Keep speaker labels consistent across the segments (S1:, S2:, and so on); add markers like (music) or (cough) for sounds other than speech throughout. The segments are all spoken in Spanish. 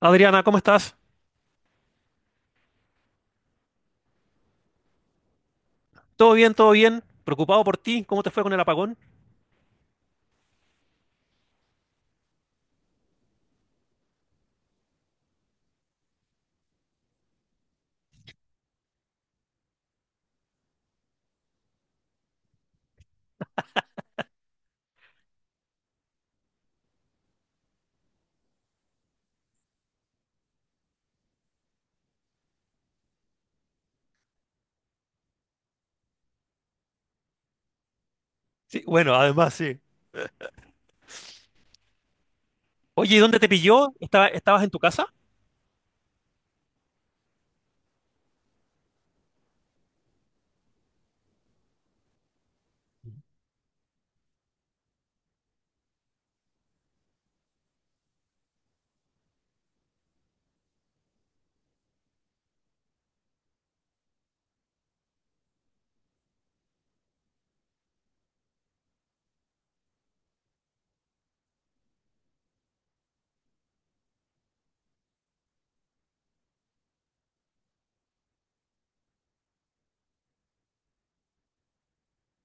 S1: Adriana, ¿cómo estás? ¿Todo bien, todo bien? Preocupado por ti, ¿cómo te fue con el apagón? Sí, bueno, además sí. Oye, ¿y dónde te pilló? ¿Estabas en tu casa?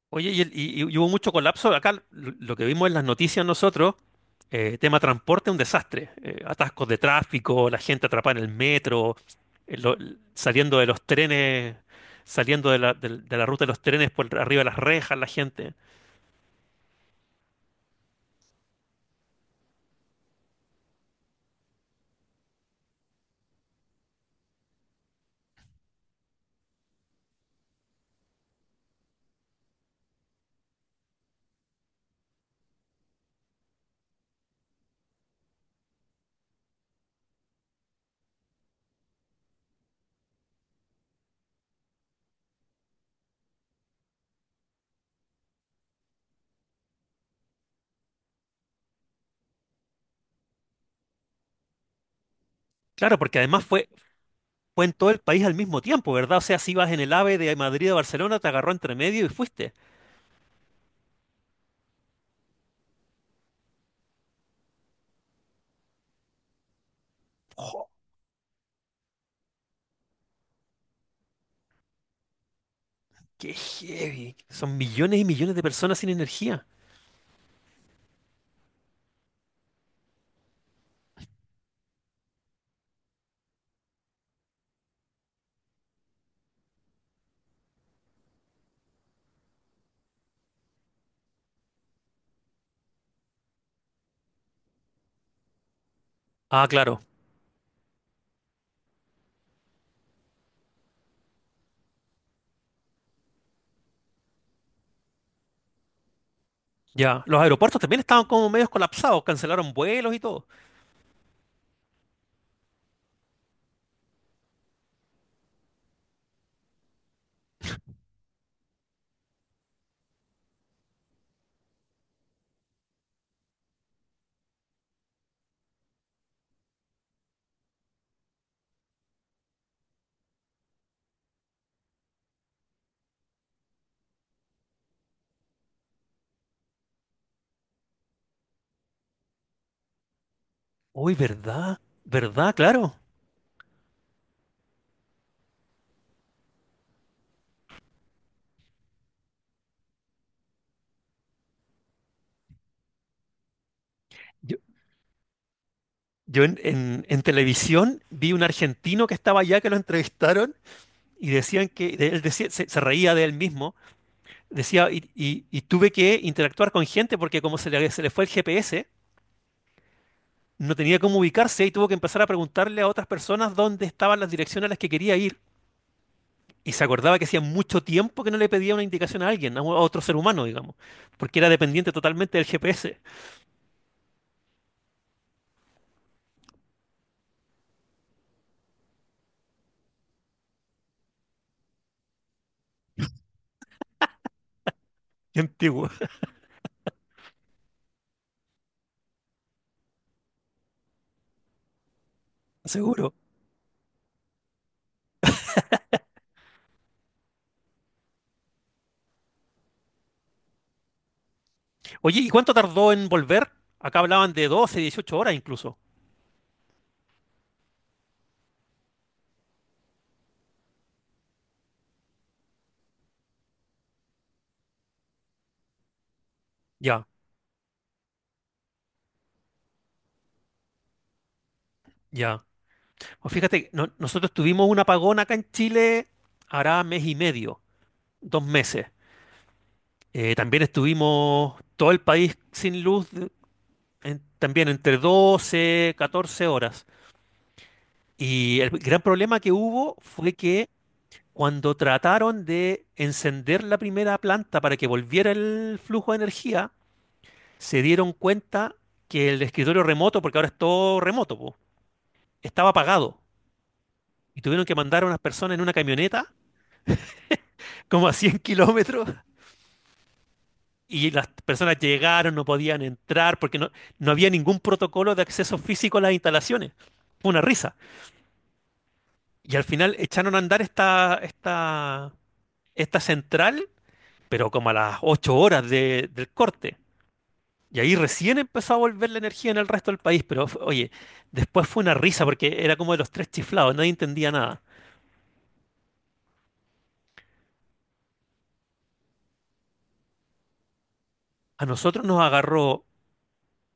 S1: Oye, y hubo mucho colapso. Acá lo que vimos en las noticias nosotros, tema transporte, un desastre. Atascos de tráfico, la gente atrapada en el metro, saliendo de los trenes, saliendo de de la ruta de los trenes por arriba de las rejas, la gente. Claro, porque además fue en todo el país al mismo tiempo, ¿verdad? O sea, si ibas en el AVE de Madrid a Barcelona, te agarró entre medio y fuiste. ¡Jo! ¡Qué heavy! Son millones y millones de personas sin energía. Ah, claro, ya. Los aeropuertos también estaban como medios colapsados, cancelaron vuelos y todo. Uy, ¿verdad? ¿Verdad? Claro. Yo, yo en, en televisión vi un argentino que estaba allá que lo entrevistaron y decían que él decía, se reía de él mismo. Decía, y tuve que interactuar con gente porque como se le fue el GPS, no tenía cómo ubicarse y tuvo que empezar a preguntarle a otras personas dónde estaban las direcciones a las que quería ir. Y se acordaba que hacía mucho tiempo que no le pedía una indicación a alguien, a otro ser humano, digamos, porque era dependiente totalmente del GPS. Qué antiguo, (laughs) seguro. Oye, ¿y cuánto tardó en volver? Acá hablaban de 12 18 horas incluso. Ya, ya. O fíjate, nosotros tuvimos un apagón acá en Chile, hará mes y medio, dos meses. También estuvimos todo el país sin luz también entre 12, 14 horas. Y el gran problema que hubo fue que cuando trataron de encender la primera planta para que volviera el flujo de energía, se dieron cuenta que el escritorio remoto, porque ahora es todo remoto, po, estaba apagado. Y tuvieron que mandar a unas personas en una camioneta, (laughs) como a 100 kilómetros. Y las personas llegaron, no podían entrar porque no había ningún protocolo de acceso físico a las instalaciones. Fue una risa. Y al final echaron a andar esta central, pero como a las 8 horas del corte. Y ahí recién empezó a volver la energía en el resto del país. Pero oye, después fue una risa porque era como de los tres chiflados, nadie entendía nada. A nosotros nos agarró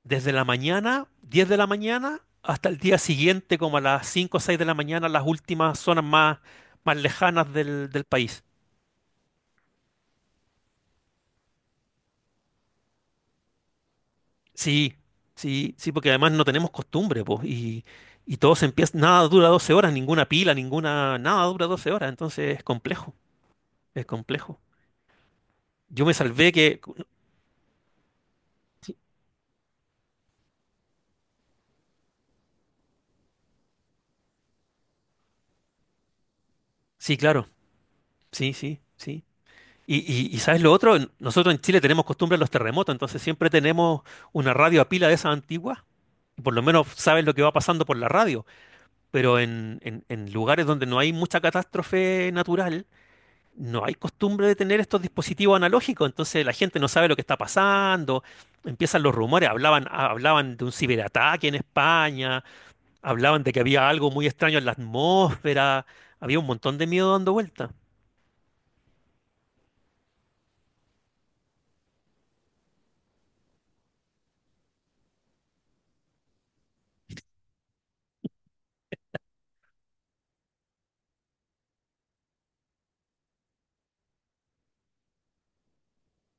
S1: desde la mañana, 10 de la mañana, hasta el día siguiente, como a las 5 o 6 de la mañana, las últimas zonas más lejanas del país. Sí, sí, sí, porque además no tenemos costumbre, pues, y todo se empieza, nada dura 12 horas, ninguna pila, ninguna, nada dura 12 horas, entonces es complejo, es complejo. Yo me salvé que, sí, sí, claro, sí, sí, sí. Y, y ¿sabes lo otro? Nosotros en Chile tenemos costumbre de los terremotos, entonces siempre tenemos una radio a pila de esas antiguas, y por lo menos sabes lo que va pasando por la radio, pero en, en lugares donde no hay mucha catástrofe natural, no hay costumbre de tener estos dispositivos analógicos, entonces la gente no sabe lo que está pasando, empiezan los rumores, hablaban, hablaban de un ciberataque en España, hablaban de que había algo muy extraño en la atmósfera, había un montón de miedo dando vuelta.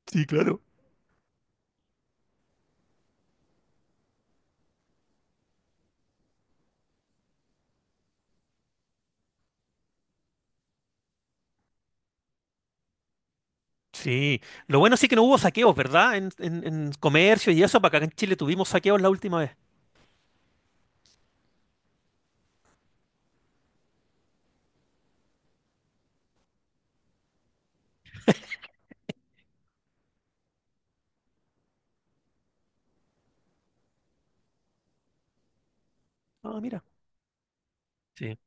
S1: Sí, claro. Sí, lo bueno sí que no hubo saqueos, ¿verdad? En comercio y eso, para acá en Chile tuvimos saqueos la última vez. Ah, mira. Sí,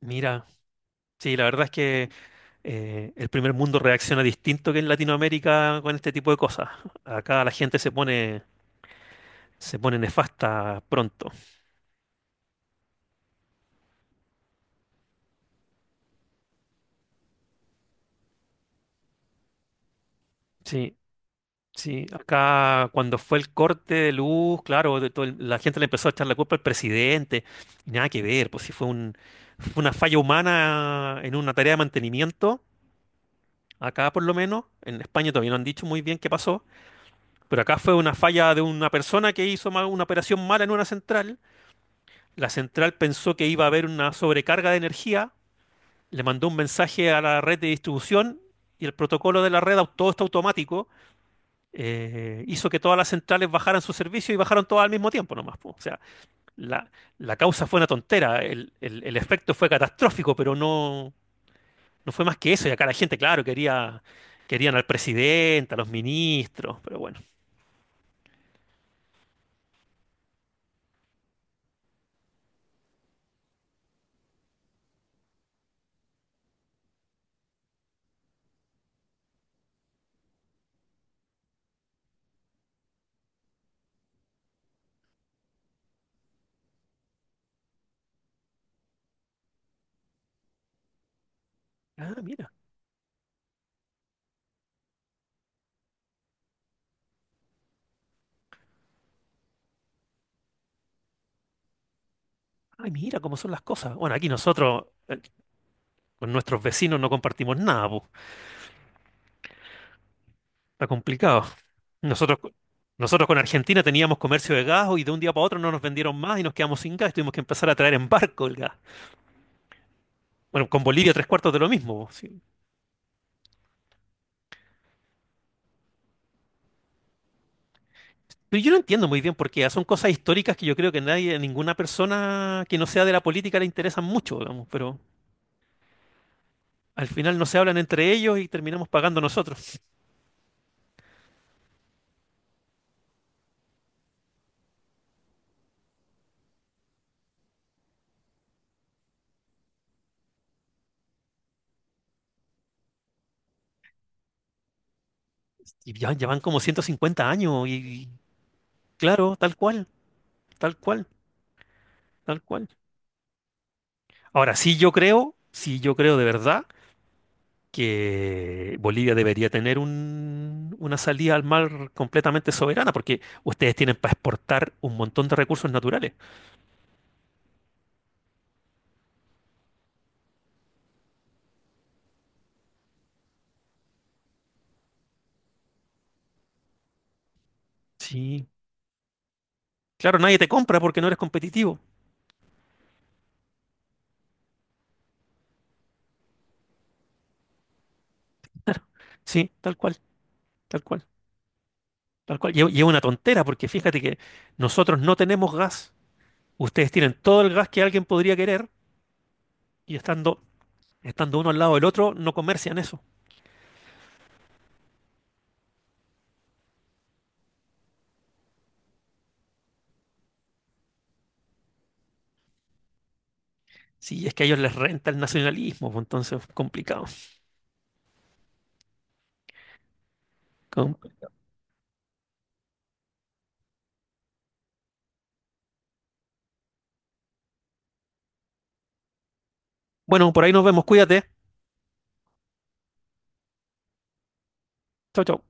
S1: mira. Sí, la verdad es que el primer mundo reacciona distinto que en Latinoamérica con este tipo de cosas. Acá la gente se pone, se pone nefasta pronto. Sí, sí. Acá cuando fue el corte de luz, claro, de todo la gente le empezó a echar la culpa al presidente. Y nada que ver, pues si fue una falla humana en una tarea de mantenimiento. Acá por lo menos, en España todavía no han dicho muy bien qué pasó, pero acá fue una falla de una persona que hizo una operación mala en una central. La central pensó que iba a haber una sobrecarga de energía, le mandó un mensaje a la red de distribución y el protocolo de todo está automático, hizo que todas las centrales bajaran su servicio y bajaron todas al mismo tiempo nomás, po. O sea, la, la causa fue una tontera, el efecto fue catastrófico, pero no, no fue más que eso. Y acá la gente, claro, querían al presidente, a los ministros, pero bueno. Ah, mira, ay, mira cómo son las cosas. Bueno, aquí nosotros con nuestros vecinos no compartimos nada, po. Está complicado. Nosotros, co- nosotros con Argentina teníamos comercio de gas y de un día para otro no nos vendieron más y nos quedamos sin gas, tuvimos que empezar a traer en barco el gas. Bueno, con Bolivia tres cuartos de lo mismo. Sí. Pero yo no entiendo muy bien por qué. Son cosas históricas que yo creo que nadie, ninguna persona que no sea de la política le interesan mucho, digamos, pero al final no se hablan entre ellos y terminamos pagando nosotros. Y ya, ya van como 150 años y claro, tal cual, tal cual, tal cual. Ahora, sí yo creo de verdad que Bolivia debería tener una salida al mar completamente soberana, porque ustedes tienen para exportar un montón de recursos naturales. Sí, claro, nadie te compra porque no eres competitivo. Sí, tal cual, tal cual, tal cual. Y es una tontera porque fíjate que nosotros no tenemos gas. Ustedes tienen todo el gas que alguien podría querer y estando, estando uno al lado del otro no comercian eso. Sí, es que a ellos les renta el nacionalismo, pues, entonces complicado. Com- Bueno, por ahí nos vemos. Cuídate. Chau, chau.